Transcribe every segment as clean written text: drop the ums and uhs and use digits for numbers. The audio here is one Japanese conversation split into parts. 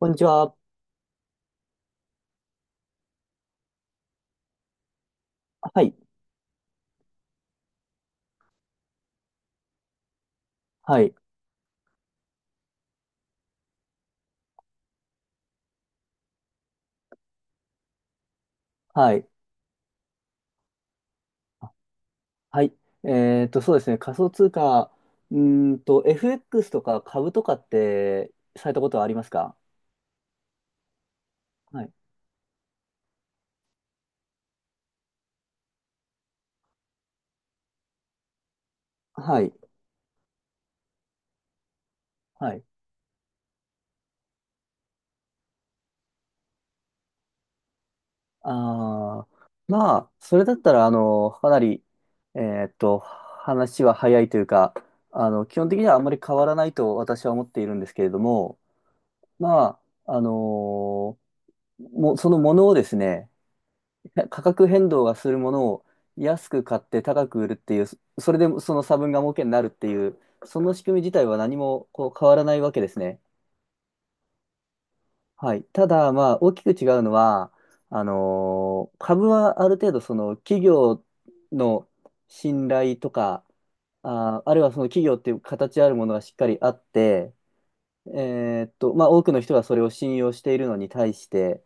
こんにちは。はい。はい。はい。はい。そうですね。仮想通貨、FX とか株とかってされたことはありますか？はい。はい。はい。あー、まあ、それだったら、かなり、話は早いというか、基本的にはあんまり変わらないと私は思っているんですけれども、まあ、あのも、そのものをですね、価格変動がするものを安く買って高く売るっていう、それでその差分が儲けになるっていう、その仕組み自体は何もこう変わらないわけですね。はい。ただ、まあ、大きく違うのは、株はある程度、その企業の信頼とか、あるいはその企業っていう形あるものがしっかりあって、まあ、多くの人がそれを信用しているのに対して、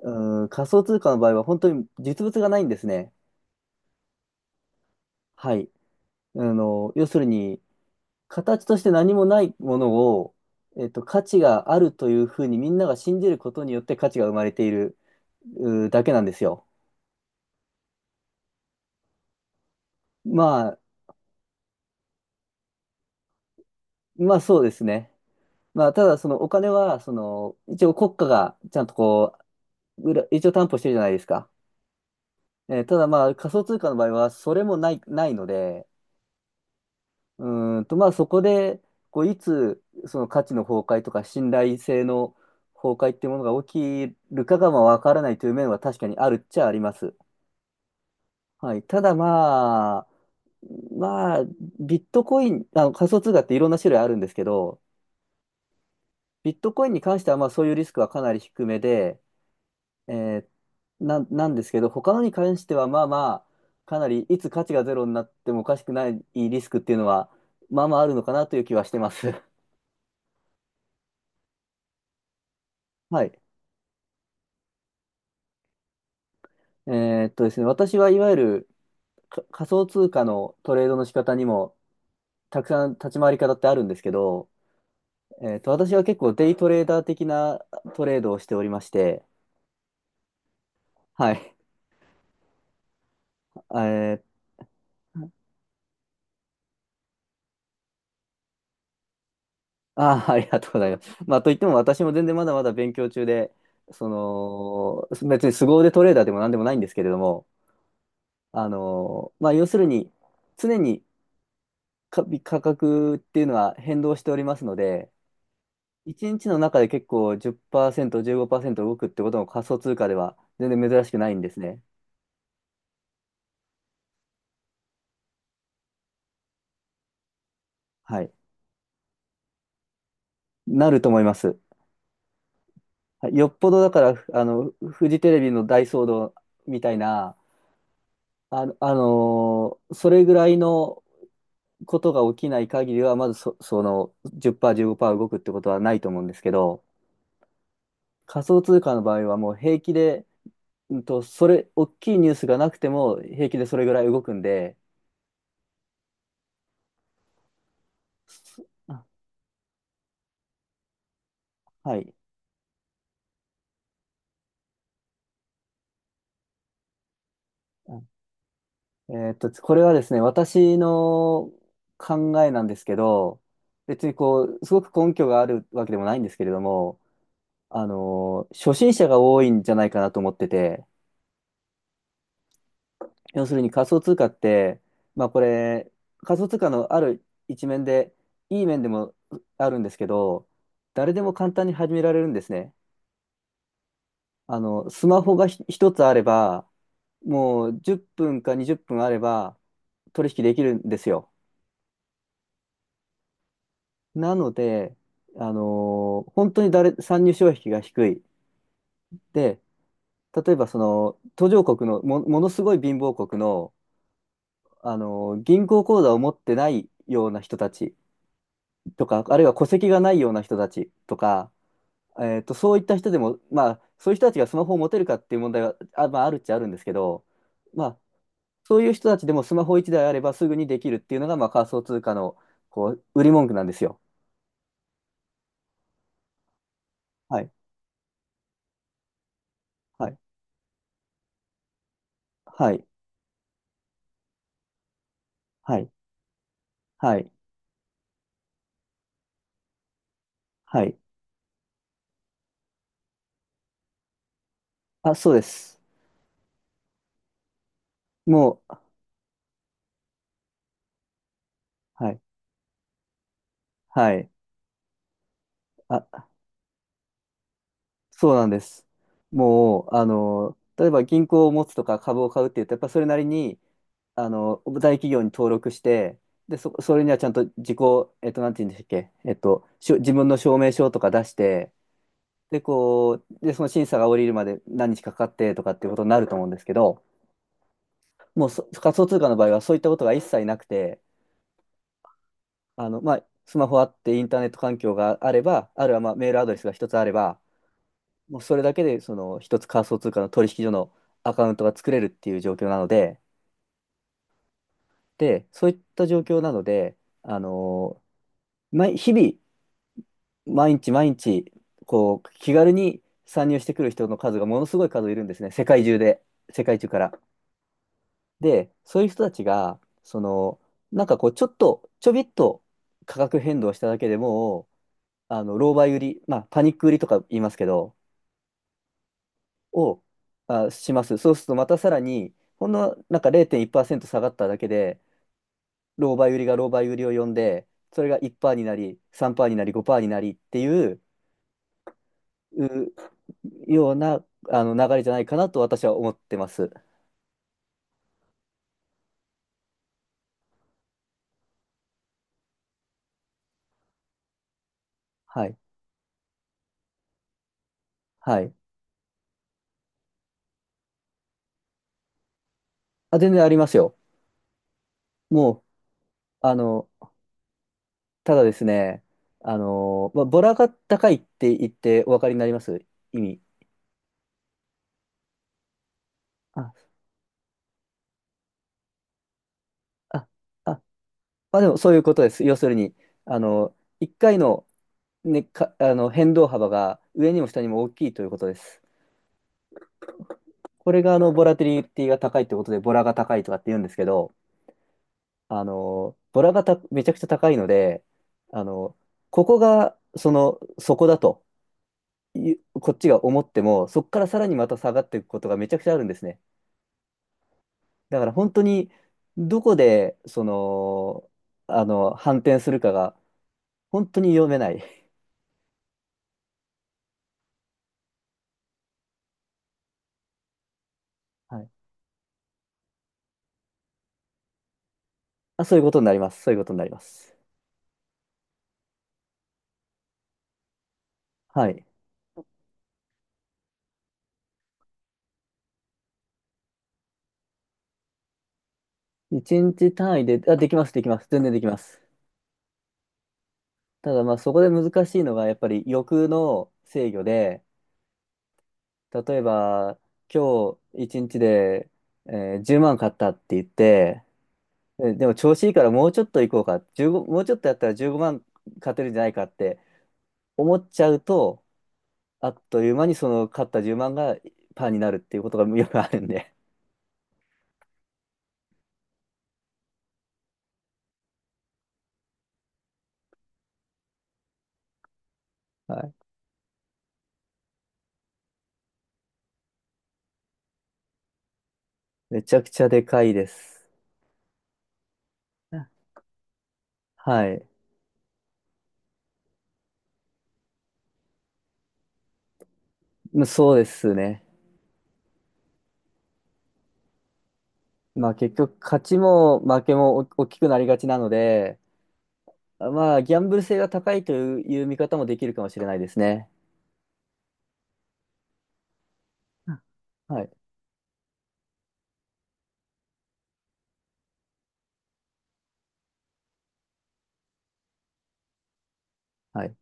仮想通貨の場合は本当に実物がないんですね。はい。要するに、形として何もないものを、価値があるというふうにみんなが信じることによって価値が生まれているだけなんですよ。まあ、まあそうですね。まあ、ただそのお金は、その、一応国家がちゃんとこう、裏一応担保してるじゃないですか。ただまあ仮想通貨の場合はそれもない、ので、うまあそこで、こういつその価値の崩壊とか信頼性の崩壊っていうものが起きるかがまあわからないという面は確かにあるっちゃあります。はい。ただまあ、まあ、ビットコイン、仮想通貨っていろんな種類あるんですけど、ビットコインに関してはまあそういうリスクはかなり低めで、えーなんですけど、他のに関してはまあまあ、かなりいつ価値がゼロになってもおかしくないリスクっていうのは、まあまああるのかなという気はしてます。はい。ですね、私はいわゆる仮想通貨のトレードの仕方にもたくさん立ち回り方ってあるんですけど、私は結構デイトレーダー的なトレードをしておりまして、はい。えーあー、ありがとうございます。まあ、といっても私も全然まだまだ勉強中で、その、別に凄腕トレーダーでも何でもないんですけれども、まあ、要するに、常に価格っていうのは変動しておりますので、一日の中で結構10%、15%動くってことも仮想通貨では全然珍しくないんですね。はい。なると思います。はい。よっぽどだから、ふあの、フジテレビの大騒動みたいな、それぐらいのことが起きない限りは、まずその10%、15%動くってことはないと思うんですけど、仮想通貨の場合はもう平気で、それ、大きいニュースがなくても平気でそれぐらい動くんで、そあはい。これはですね、私の考えなんですけど、別にこう、すごく根拠があるわけでもないんですけれども、初心者が多いんじゃないかなと思ってて、要するに仮想通貨って、まあこれ、仮想通貨のある一面で、いい面でもあるんですけど、誰でも簡単に始められるんですね。スマホが一つあれば、もう10分か20分あれば取引できるんですよ。なので、本当に参入障壁が低い。で、例えばその途上国のものすごい貧乏国の、銀行口座を持ってないような人たちとか、あるいは戸籍がないような人たちとか、そういった人でも、まあ、そういう人たちがスマホを持てるかっていう問題は、まあ、あるっちゃあるんですけど、まあ、そういう人たちでもスマホ1台あればすぐにできるっていうのが、まあ、仮想通貨のこう売り文句なんですよ。はい。はい。はい。はい。はい。はい。あ、そうです。もう、はい、はい。あ、そうなんです。もう、例えば銀行を持つとか株を買うって言うと、やっぱそれなりに、大企業に登録して、で、それにはちゃんと自己、なんて言うんでしたっけ、自分の証明書とか出して、で、こう、で、その審査が降りるまで何日かかってとかっていうことになると思うんですけど、もう仮想通貨の場合はそういったことが一切なくて、まあ、スマホあってインターネット環境があれば、あるいはまあメールアドレスが一つあれば、もうそれだけで、その一つ仮想通貨の取引所のアカウントが作れるっていう状況なので、で、そういった状況なので、毎日々、毎日毎日、こう、気軽に参入してくる人の数がものすごい数いるんですね、世界中で、世界中から。で、そういう人たちが、その、なんかこう、ちょっと、ちょびっと価格変動しただけでもう、狼狽売り、まあ、パニック売りとか言いますけど、を、します。そうするとまたさらに、ほんのなんか0.1%下がっただけで、狼狽売りが狼狽売りを呼んで、それが1%になり、3%になり、5%になりっていう、うような流れじゃないかなと私は思ってます。はい。はい。あ、全然ありますよ。もう、ただですね、まあ、ボラが高いって言ってお分かりになります？意味。あ、あ、あ、まあでもそういうことです。要するに、1回のね、か、あの、変動幅が上にも下にも大きいということです。これが、ボラティリティが高いってことで、ボラが高いとかって言うんですけど、ボラがためちゃくちゃ高いので、あの、ここが、その、そこだという、こっちが思っても、そこからさらにまた下がっていくことがめちゃくちゃあるんですね。だから本当に、どこで、その、反転するかが、本当に読めない。はい。あ、そういうことになります。そういうことになります。はい。一日単位で、あ、できます、できます。全然できます。ただまあそこで難しいのがやっぱり欲の制御で、例えば今日一日で、え10万買ったって言って、でも調子いいからもうちょっと行こうか、15、もうちょっとやったら15万勝てるんじゃないかって思っちゃうと、あっという間にその勝った10万がパーになるっていうことがよくあるんで、はい。めちゃくちゃでかいです。はい。そうですね。まあ結局勝ちも負けも大きくなりがちなので、まあギャンブル性が高いという見方もできるかもしれないですね。うん、はい、はい、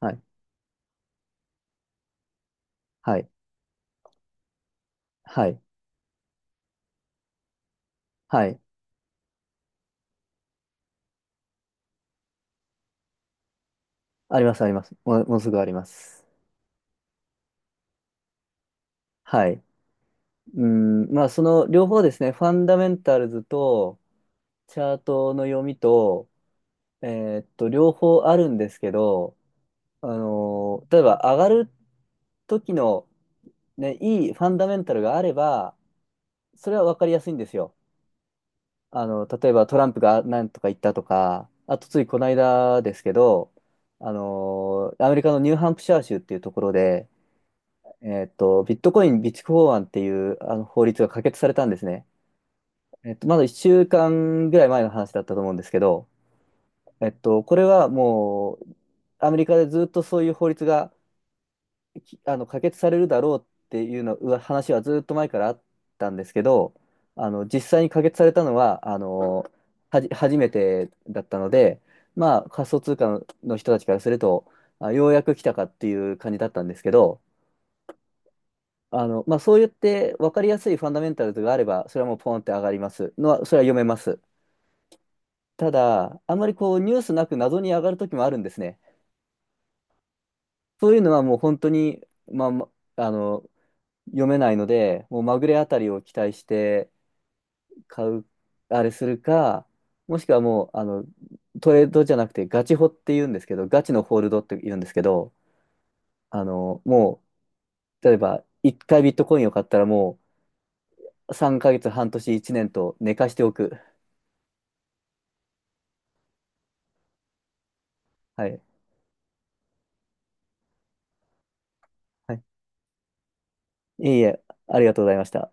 はい、はい、はい、はい。あります、あります。もう、もうすぐあります。はい。うん、まあその両方ですね、ファンダメンタルズとチャートの読みと、え両方あるんですけど、例えば上がる時のね、いいファンダメンタルがあれば、それは分かりやすいんですよ。例えばトランプが何とか言ったとか、あとついこの間ですけど、アメリカのニューハンプシャー州っていうところで、ビットコイン備蓄法案っていう法律が可決されたんですね。まだ1週間ぐらい前の話だったと思うんですけど、これはもう、アメリカでずっとそういう法律がきあの可決されるだろうっていうのうわ話はずっと前からあったんですけど、実際に可決されたのは初めてだったので、まあ、仮想通貨の人たちからすると、あ、ようやく来たかっていう感じだったんですけど、まあ、そうやって分かりやすいファンダメンタルズがあれば、それはもうポンって上がりますのは、それは読めます。ただ、あんまりこうニュースなく謎に上がる時もあるんですね。そういうのはもう本当に、まあ読めないので、もうまぐれあたりを期待して買う、あれするか、もしくはもう、トレードじゃなくてガチホって言うんですけど、ガチのホールドって言うんですけど、もう、例えば、1回ビットコインを買ったらもう、3ヶ月、半年、1年と寝かしておく。はい。はい。いえいえ、ありがとうございました。